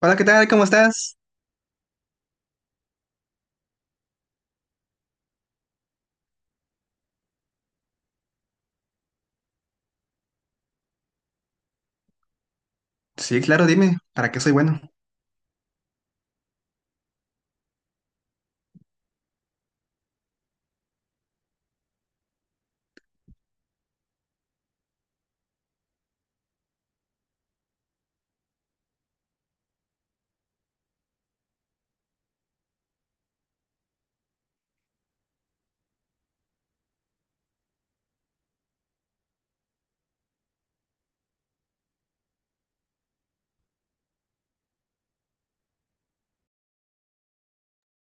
Hola, ¿qué tal? ¿Cómo estás? Sí, claro, dime, ¿para qué soy bueno?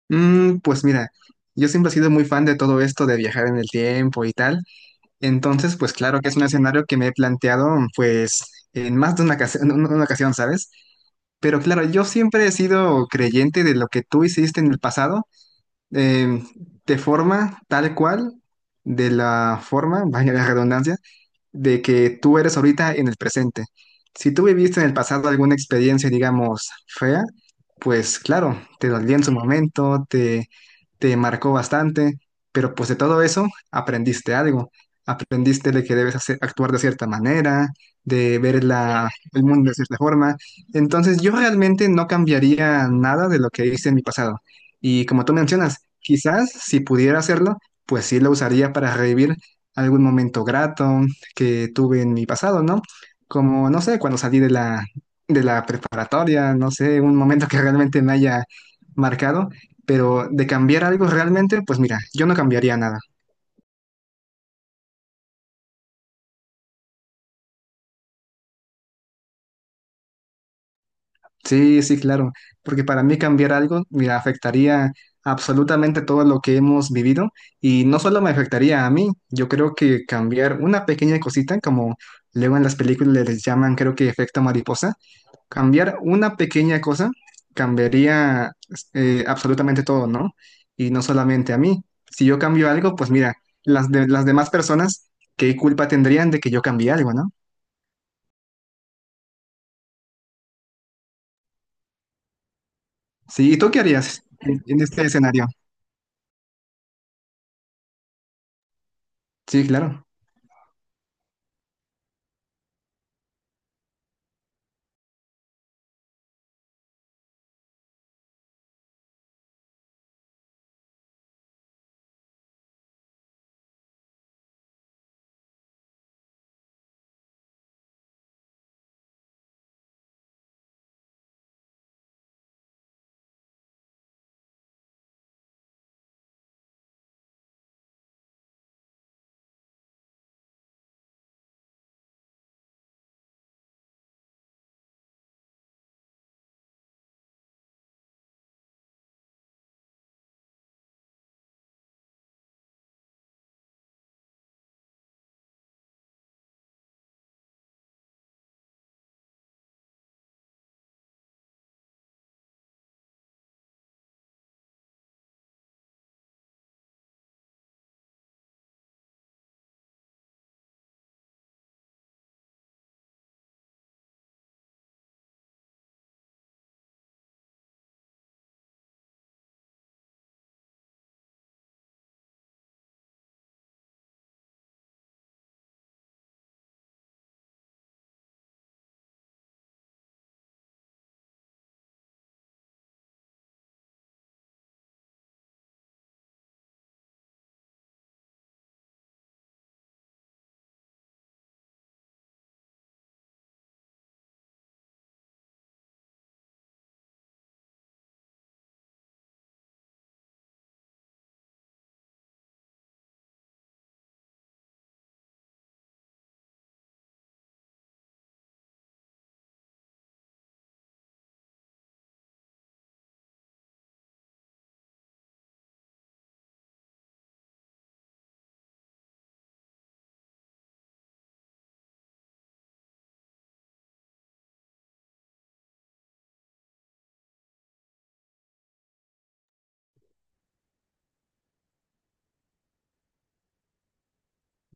Pues mira, yo siempre he sido muy fan de todo esto de viajar en el tiempo y tal. Entonces, pues claro que es un escenario que me he planteado, pues, en más de una ocasión, ¿sabes? Pero claro, yo siempre he sido creyente de lo que tú hiciste en el pasado, eh, de forma tal cual, de la forma, vaya la redundancia, de que tú eres ahorita en el presente. Si tú viviste en el pasado alguna experiencia, digamos, fea, pues claro, te dolía en su momento, te marcó bastante, pero pues de todo eso aprendiste algo. Aprendiste de que actuar de cierta manera, de ver el mundo de cierta forma. Entonces yo realmente no cambiaría nada de lo que hice en mi pasado. Y como tú mencionas, quizás si pudiera hacerlo, pues sí lo usaría para revivir algún momento grato que tuve en mi pasado, ¿no? Como, no sé, cuando salí de de la preparatoria, no sé, un momento que realmente me haya marcado, pero de cambiar algo realmente, pues mira, yo no cambiaría nada. Sí, sí, claro, porque para mí cambiar algo, mira, afectaría absolutamente todo lo que hemos vivido y no solo me afectaría a mí. Yo creo que cambiar una pequeña cosita, como luego en las películas les llaman, creo que efecto mariposa. Cambiar una pequeña cosa cambiaría absolutamente todo, ¿no? Y no solamente a mí. Si yo cambio algo, pues mira, las demás personas, ¿qué culpa tendrían de que yo cambie algo?, ¿no? Sí, ¿y tú qué harías en este escenario? Sí, claro.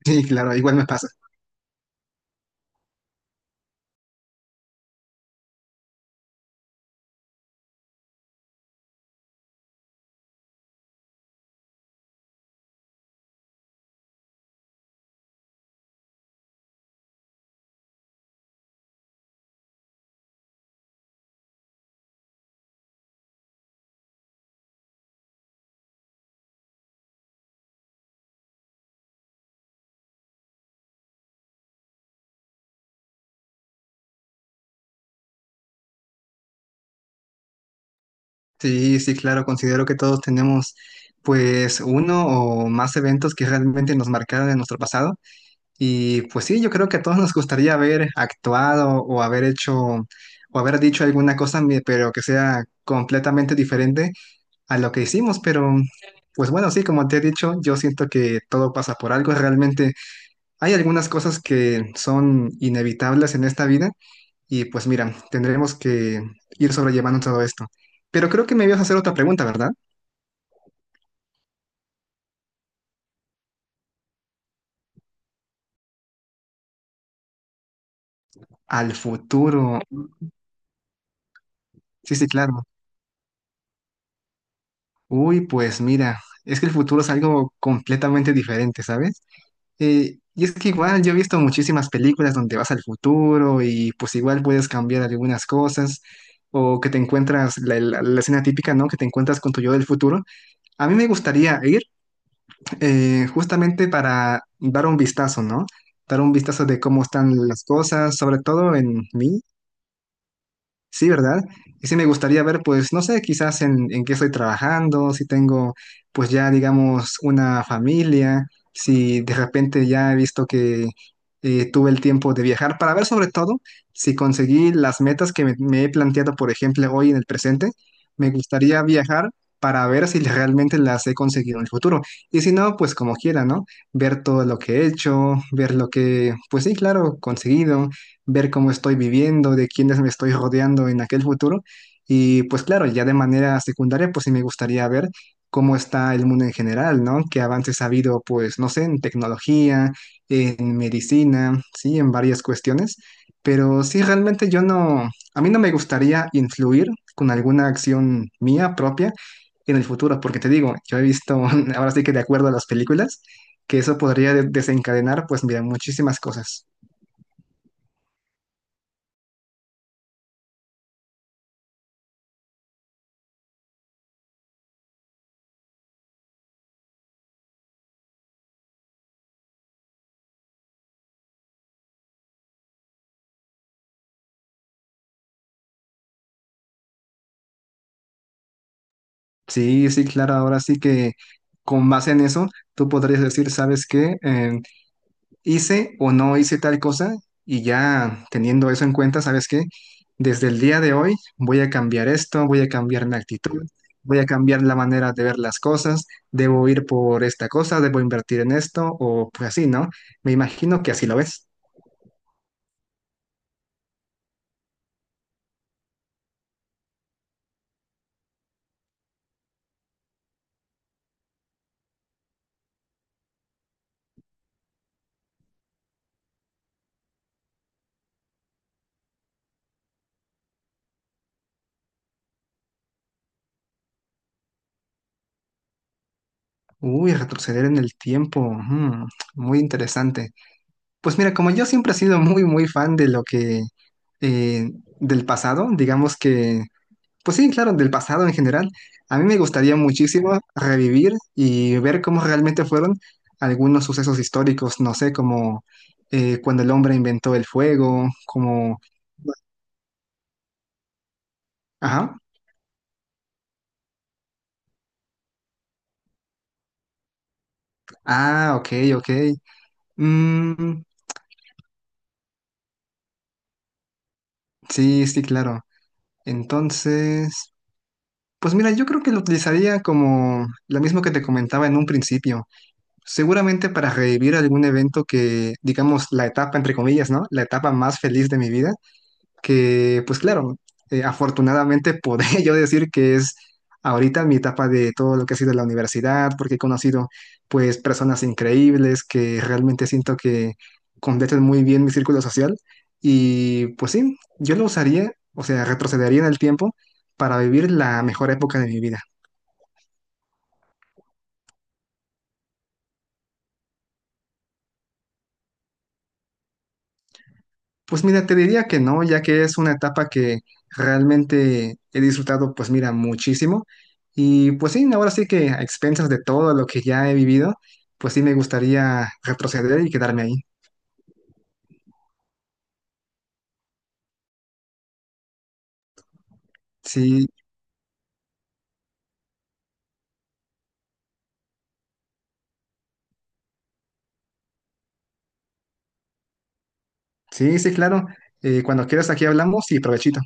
Sí, claro, igual me pasa. Sí, sí, claro, considero que todos tenemos pues uno o más eventos que realmente nos marcaron en nuestro pasado. Y pues sí, yo creo que a todos nos gustaría haber actuado o haber hecho o haber dicho alguna pero que sea completamente diferente a lo que hicimos. Pero pues bueno, sí, como te he dicho, yo siento que todo pasa por algo. Realmente hay algunas cosas que son inevitables en esta vida y pues mira, tendremos que ir sobrellevando todo esto. Pero creo que me ibas a hacer otra pregunta, ¿verdad? Al futuro. Sí, sí, claro. Uy, pues mira, es que el futuro es algo completamente diferente, ¿sabes? Y es que igual yo he visto muchísimas películas donde vas al futuro y pues igual puedes cambiar algunas cosas o que te encuentras la escena típica, ¿no? Que te encuentras con tu yo del futuro. A mí me gustaría ir justamente para dar un vistazo, ¿no? Dar un vistazo de cómo están las cosas, sobre todo en mí. Sí, ¿verdad? Y sí me gustaría ver, pues, no sé, quizás en qué estoy trabajando, si tengo, pues ya, digamos, una familia, si de repente ya he visto que tuve el tiempo de viajar, para ver sobre todo si conseguí las metas que me he planteado, por ejemplo, hoy en el presente. Me gustaría viajar para ver si realmente las he conseguido en el futuro. Y si no, pues como quiera, ¿no? Ver todo lo que he hecho, ver lo que, pues sí, claro, conseguido, ver cómo estoy viviendo, de quiénes me estoy rodeando en aquel futuro. Y pues claro, ya de manera secundaria, pues sí me gustaría ver cómo está el mundo en general, ¿no? Qué avances ha habido, pues, no sé, en tecnología, en medicina, sí, en varias cuestiones. Pero sí, realmente yo no, a mí no me gustaría influir con alguna acción mía propia en el futuro, porque te digo, yo he visto, ahora sí que de acuerdo a las películas, que eso podría desencadenar, pues, mira, muchísimas cosas. Sí, sí, claro, ahora sí que con base en eso, tú podrías decir, ¿sabes qué? Hice o no hice tal cosa, y ya teniendo eso en cuenta, ¿sabes qué? Desde el día de hoy voy a cambiar esto, voy a cambiar mi actitud, voy a cambiar la manera de ver las cosas, debo ir por esta cosa, debo invertir en esto o pues así, ¿no? Me imagino que así lo ves. Uy, retroceder en el tiempo, ujú, muy interesante. Pues mira, como yo siempre he sido muy, muy fan de lo que, eh, del pasado, digamos que, pues sí, claro, del pasado en general, a mí me gustaría muchísimo revivir y ver cómo realmente fueron algunos sucesos históricos, no sé, como cuando el hombre inventó el fuego, como, ajá, ah, ok, ok, Mm, sí, sí, claro. Entonces, pues mira, yo creo que lo utilizaría como lo mismo que te comentaba en un principio. Seguramente para revivir algún evento que, digamos, la etapa, entre comillas, ¿no?, la etapa más feliz de mi vida, que pues claro, afortunadamente podría yo decir que es ahorita mi etapa de todo lo que ha sido la universidad, porque he conocido pues personas increíbles que realmente siento que completan muy bien mi círculo social, y pues sí, yo lo usaría, o sea, retrocedería en el tiempo para vivir la mejor época de mi vida. Pues mira, te diría que no, ya que es una etapa que realmente he disfrutado, pues mira, muchísimo. Y pues sí, ahora sí que a expensas de todo lo que ya he vivido, pues sí me gustaría retroceder y quedarme ahí. Sí, sí, sí, claro. Cuando quieras aquí hablamos y provechito.